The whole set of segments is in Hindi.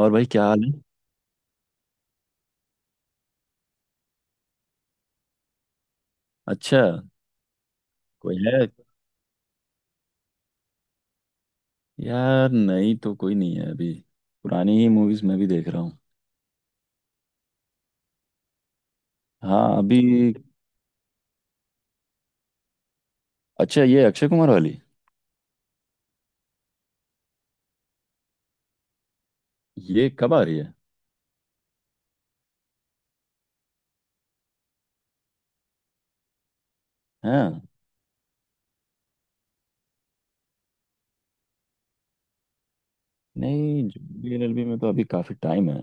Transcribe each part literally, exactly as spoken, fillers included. और भाई क्या हाल है। अच्छा। कोई है? यार नहीं, तो कोई नहीं है अभी। पुरानी ही मूवीज मैं भी देख रहा हूँ। हाँ अभी। अच्छा, ये अक्षय कुमार वाली? ये कब आ रही है? हाँ, नहीं जुबली एलएलबी में तो अभी काफी टाइम है।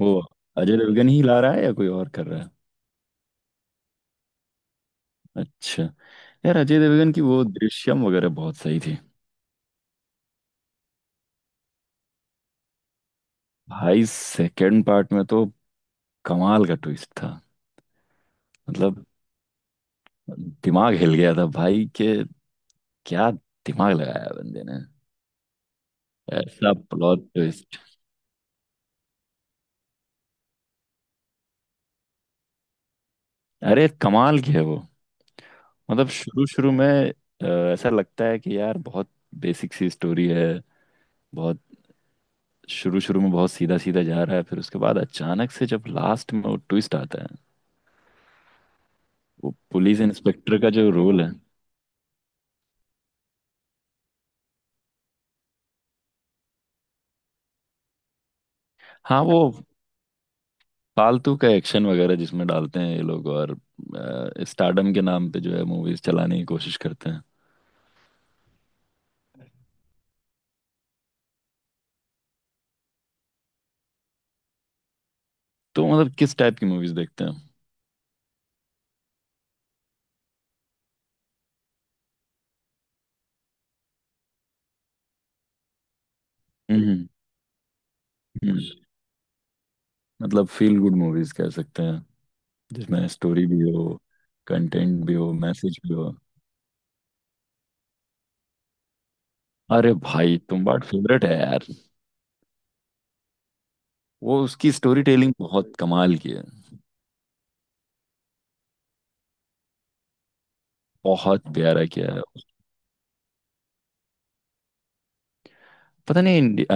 वो अजय देवगन ही ला रहा है या कोई और कर रहा है? अच्छा। यार, अजय देवगन की वो दृश्यम वगैरह बहुत सही थी। भाई सेकंड पार्ट में तो कमाल का ट्विस्ट था। मतलब दिमाग हिल गया था भाई के। क्या दिमाग लगाया बंदे ने! ऐसा प्लॉट ट्विस्ट। अरे कमाल की है वो। मतलब शुरू शुरू में अ, ऐसा लगता है कि यार बहुत बेसिक सी स्टोरी है, बहुत। शुरू शुरू में बहुत सीधा सीधा जा रहा है, फिर उसके बाद अचानक से जब लास्ट में वो ट्विस्ट आता है। वो पुलिस इंस्पेक्टर का जो रोल है। हाँ वो फालतू का एक्शन वगैरह जिसमें डालते हैं ये लोग, और स्टारडम के नाम पे जो है मूवीज चलाने की कोशिश करते हैं। तो मतलब किस टाइप की मूवीज देखते हैं? हम्म हम्म, मतलब फील गुड मूवीज कह सकते हैं, जिसमें स्टोरी भी हो, कंटेंट भी हो, मैसेज भी हो। अरे भाई, तुम्बाड़ फेवरेट है यार। वो उसकी स्टोरी टेलिंग बहुत कमाल की है। बहुत प्यारा किया है। पता नहीं इंडि- अ,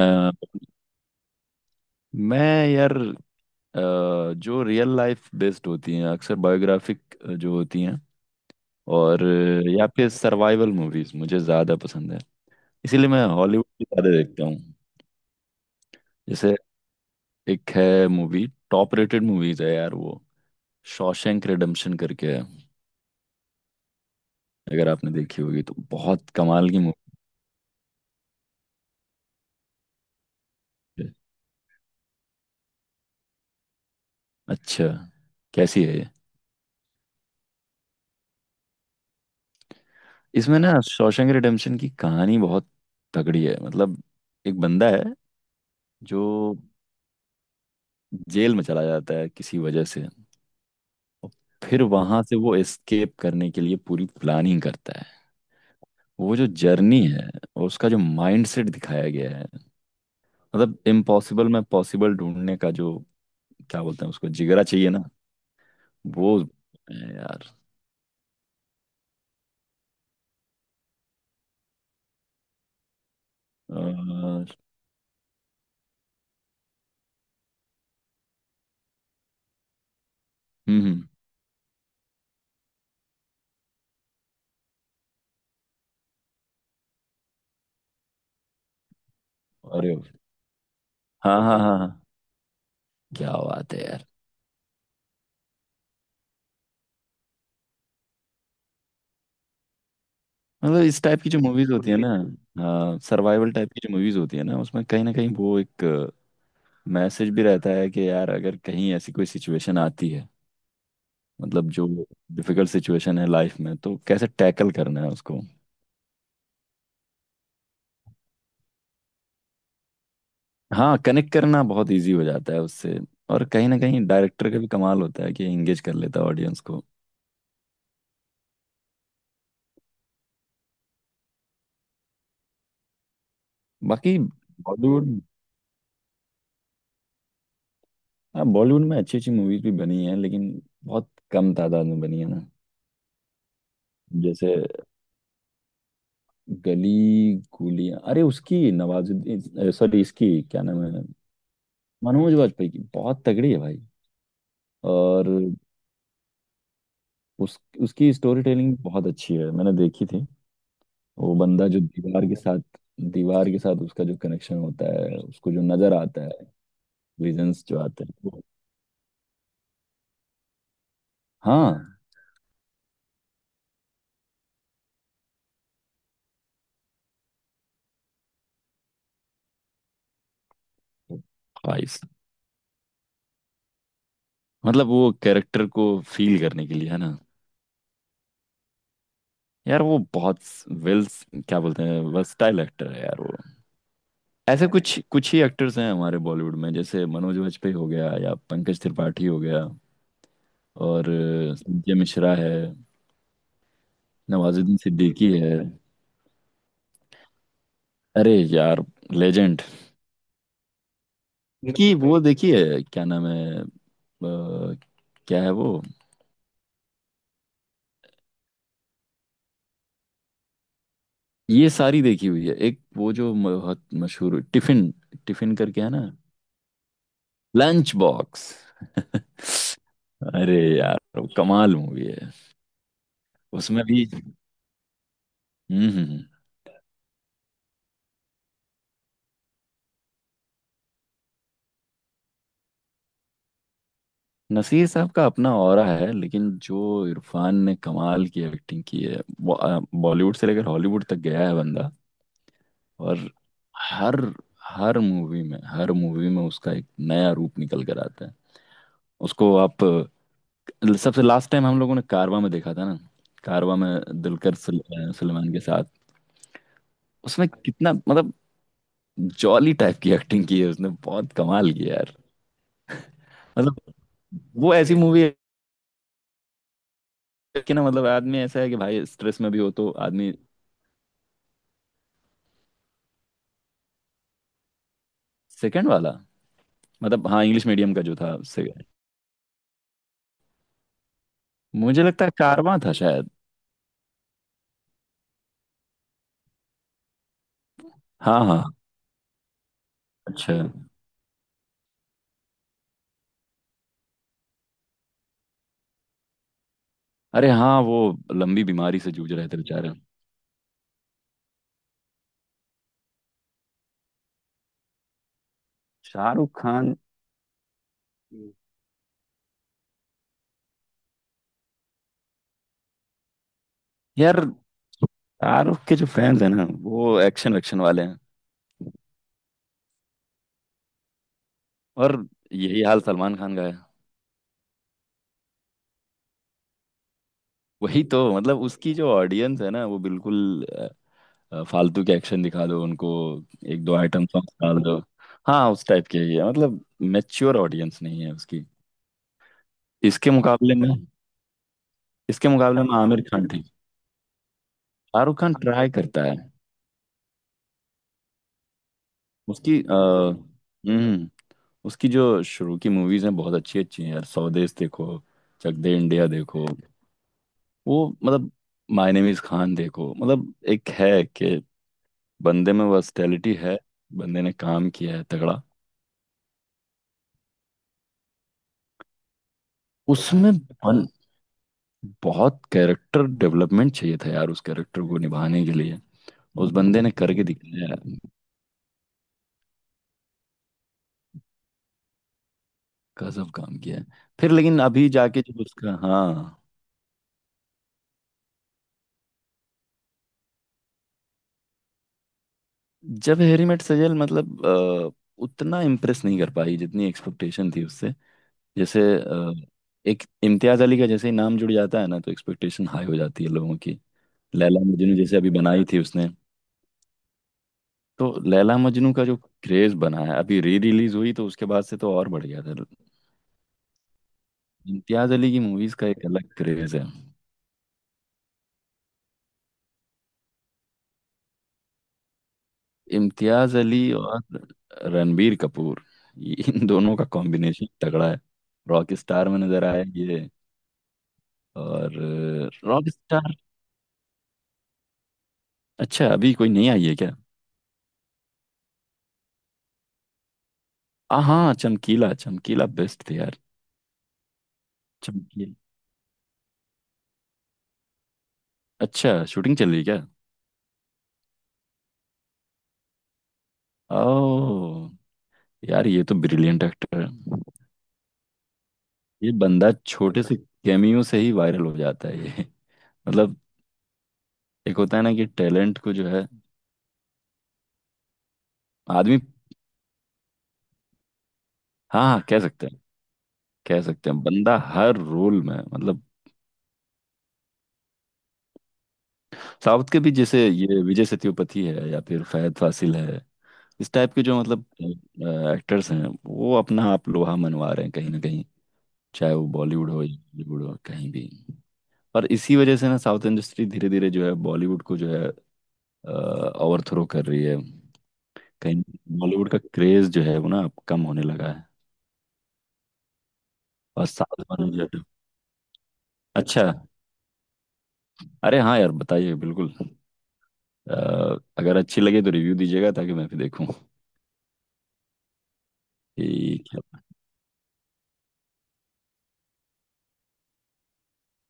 मैं यार अ, जो रियल लाइफ बेस्ड होती हैं, अक्सर बायोग्राफिक जो होती हैं, और अ, या फिर सर्वाइवल मूवीज मुझे ज़्यादा पसंद है। इसीलिए मैं हॉलीवुड भी ज़्यादा देखता हूँ। जैसे एक है मूवी, टॉप रेटेड मूवीज है यार वो, शॉशैंक रिडेम्पशन करके है। अगर आपने देखी होगी तो बहुत कमाल की मूवी है। अच्छा, कैसी है ये? इसमें ना, शॉशैंक रिडेम्पशन की कहानी बहुत तगड़ी है। मतलब एक बंदा है जो जेल में चला जाता है किसी वजह से, और फिर वहां से वो एस्केप करने के लिए पूरी प्लानिंग करता है। वो जो जर्नी है, और उसका जो माइंडसेट दिखाया गया है, मतलब इम्पॉसिबल में पॉसिबल ढूंढने का जो, क्या बोलते हैं उसको, जिगरा चाहिए ना, वो है यार। अ, हम्म हम्म, अरे हाँ हाँ हाँ हाँ। क्या बात है यार! मतलब इस टाइप की जो मूवीज होती है ना, हाँ सर्वाइवल टाइप की जो मूवीज होती है ना, उसमें कहीं ना कहीं वो एक मैसेज भी रहता है कि यार अगर कहीं ऐसी कोई सिचुएशन आती है, मतलब जो डिफिकल्ट सिचुएशन है लाइफ में, तो कैसे टैकल करना है उसको। हाँ, कनेक्ट करना बहुत इजी हो जाता है उससे। और कहीं ना कहीं डायरेक्टर का भी कमाल होता है कि एंगेज कर लेता है ऑडियंस को। बाकी बॉलीवुड, हाँ बॉलीवुड में अच्छी अच्छी मूवीज भी बनी हैं लेकिन बहुत कम तादाद में बनी है ना। जैसे गली गुलियां, अरे उसकी नवाजुद्दीन, सॉरी इसकी क्या नाम है, मनोज वाजपेयी की, बहुत तगड़ी है भाई। और उस उसकी स्टोरी टेलिंग बहुत अच्छी है, मैंने देखी थी। वो बंदा जो दीवार के साथ, दीवार के साथ उसका जो कनेक्शन होता है, उसको जो नजर आता है, विजन्स जो आते हैं वो-। हाँ भाई साहब। मतलब वो कैरेक्टर को फील करने के लिए है ना। यार वो बहुत वेल, क्या बोलते हैं, वर्सटाइल एक्टर है यार वो। ऐसे कुछ कुछ ही एक्टर्स हैं हमारे बॉलीवुड में, जैसे मनोज वाजपेयी हो गया, या पंकज त्रिपाठी हो गया, और अ, संजय मिश्रा है, नवाजुद्दीन सिद्दीकी है। अरे यार लेजेंड! इनकी वो देखी है, क्या नाम है अ, क्या है वो? ये सारी देखी हुई है। एक वो जो म- बहुत मशहूर, टिफिन टिफिन करके है ना, लंच बॉक्स। अरे यार वो कमाल मूवी है। उसमें भी हम्म हम्म, हम्म। नसीर साहब का अपना ऑरा है, लेकिन जो इरफान ने कमाल की एक्टिंग की है वो, अ, बॉलीवुड से लेकर हॉलीवुड तक गया है बंदा। और हर हर मूवी में हर मूवी में उसका एक नया रूप निकल कर आता है। उसको आप अ, सबसे लास्ट टाइम हम लोगों ने कारवा में देखा था ना। कारवा में दुलकर सुल, अ, सलमान के साथ। उसमें कितना मतलब जॉली टाइप की एक्टिंग की है उसने, बहुत कमाल की है यार। मतलब वो ऐसी मूवी है कि ना, मतलब आदमी ऐसा है कि भाई स्ट्रेस में भी हो तो आदमी। सेकंड वाला। मतलब हाँ इंग्लिश मीडियम का जो था, उससे मुझे लगता है कारवां था शायद। हाँ हाँ। अच्छा। अरे हाँ वो लंबी बीमारी से जूझ रहे थे बेचारे। शाहरुख खान। यार, शाहरुख के जो फैंस हैं ना, वो एक्शन वैक्शन वाले हैं। और यही हाल सलमान खान का है। वही तो, मतलब उसकी जो ऑडियंस है ना वो बिल्कुल अ, अ, फालतू के एक्शन दिखा दो उनको, एक दो आइटम सॉन्ग डाल दो। हाँ उस टाइप के ही है, मतलब मैच्योर ऑडियंस नहीं है उसकी। इसके मुकाबले में, इसके मुकाबले में आमिर खान ठीक। शाहरुख खान ट्राई करता है। उसकी अ, हम्म उसकी जो शुरू की मूवीज हैं बहुत अच्छी अच्छी हैं यार। स्वदेश देखो, चक दे इंडिया देखो, वो मतलब माय नेम इज खान देखो। मतलब एक है कि बंदे में वर्सटैलिटी है, बंदे ने काम किया है तगड़ा। उसमें बन, बहुत कैरेक्टर डेवलपमेंट चाहिए था यार उस कैरेक्टर को निभाने के लिए, उस बंदे ने करके दिखाया है, गजब काम किया है। फिर लेकिन अभी जाके जो उसका, हाँ जब हैरी मेट सजल, मतलब अ, उतना इम्प्रेस नहीं कर पाई जितनी एक्सपेक्टेशन थी उससे। जैसे अ, एक इम्तियाज अली का जैसे ही नाम जुड़ जाता है ना, तो एक्सपेक्टेशन हाई हो जाती है लोगों की। लैला मजनू जैसे अभी बनाई थी उसने, तो लैला मजनू का जो क्रेज बना है, अभी री रिलीज हुई तो उसके बाद से तो और बढ़ गया था। इम्तियाज अली की मूवीज का एक अलग क्रेज है। इम्तियाज अली और रणबीर कपूर, ये- इन दोनों का कॉम्बिनेशन तगड़ा है। रॉक स्टार में नजर आया ये। और रॉक स्टार। अच्छा अभी कोई नहीं आई है क्या? आ हाँ चमकीला, चमकीला बेस्ट थे यार। चमकीला, अच्छा शूटिंग चल रही है क्या? ओ, यार ये तो ब्रिलियंट एक्टर है। ये बंदा छोटे से कैमियो से ही वायरल हो जाता है ये। मतलब एक होता है ना कि टैलेंट को जो है, आदमी, हाँ हाँ कह सकते हैं, कह सकते हैं बंदा हर रोल में मतलब। साउथ के भी जैसे ये विजय सेतुपति है या फिर फहद फासिल है, इस टाइप के जो मतलब एक्टर्स हैं, वो अपना आप लोहा मनवा रहे हैं कहीं ना कहीं, चाहे वो बॉलीवुड हो या बॉलीवुड हो, कहीं भी। और इसी वजह से ना साउथ इंडस्ट्री धीरे धीरे जो है बॉलीवुड को जो है ओवरथ्रो कर रही है। कहीं बॉलीवुड का क्रेज जो है वो ना अब कम होने लगा है। और साउथ वाले जो है। अच्छा, अरे हाँ यार, बताइए बिल्कुल। अ, अगर अच्छी लगे तो रिव्यू दीजिएगा ताकि मैं भी देखूँ कि।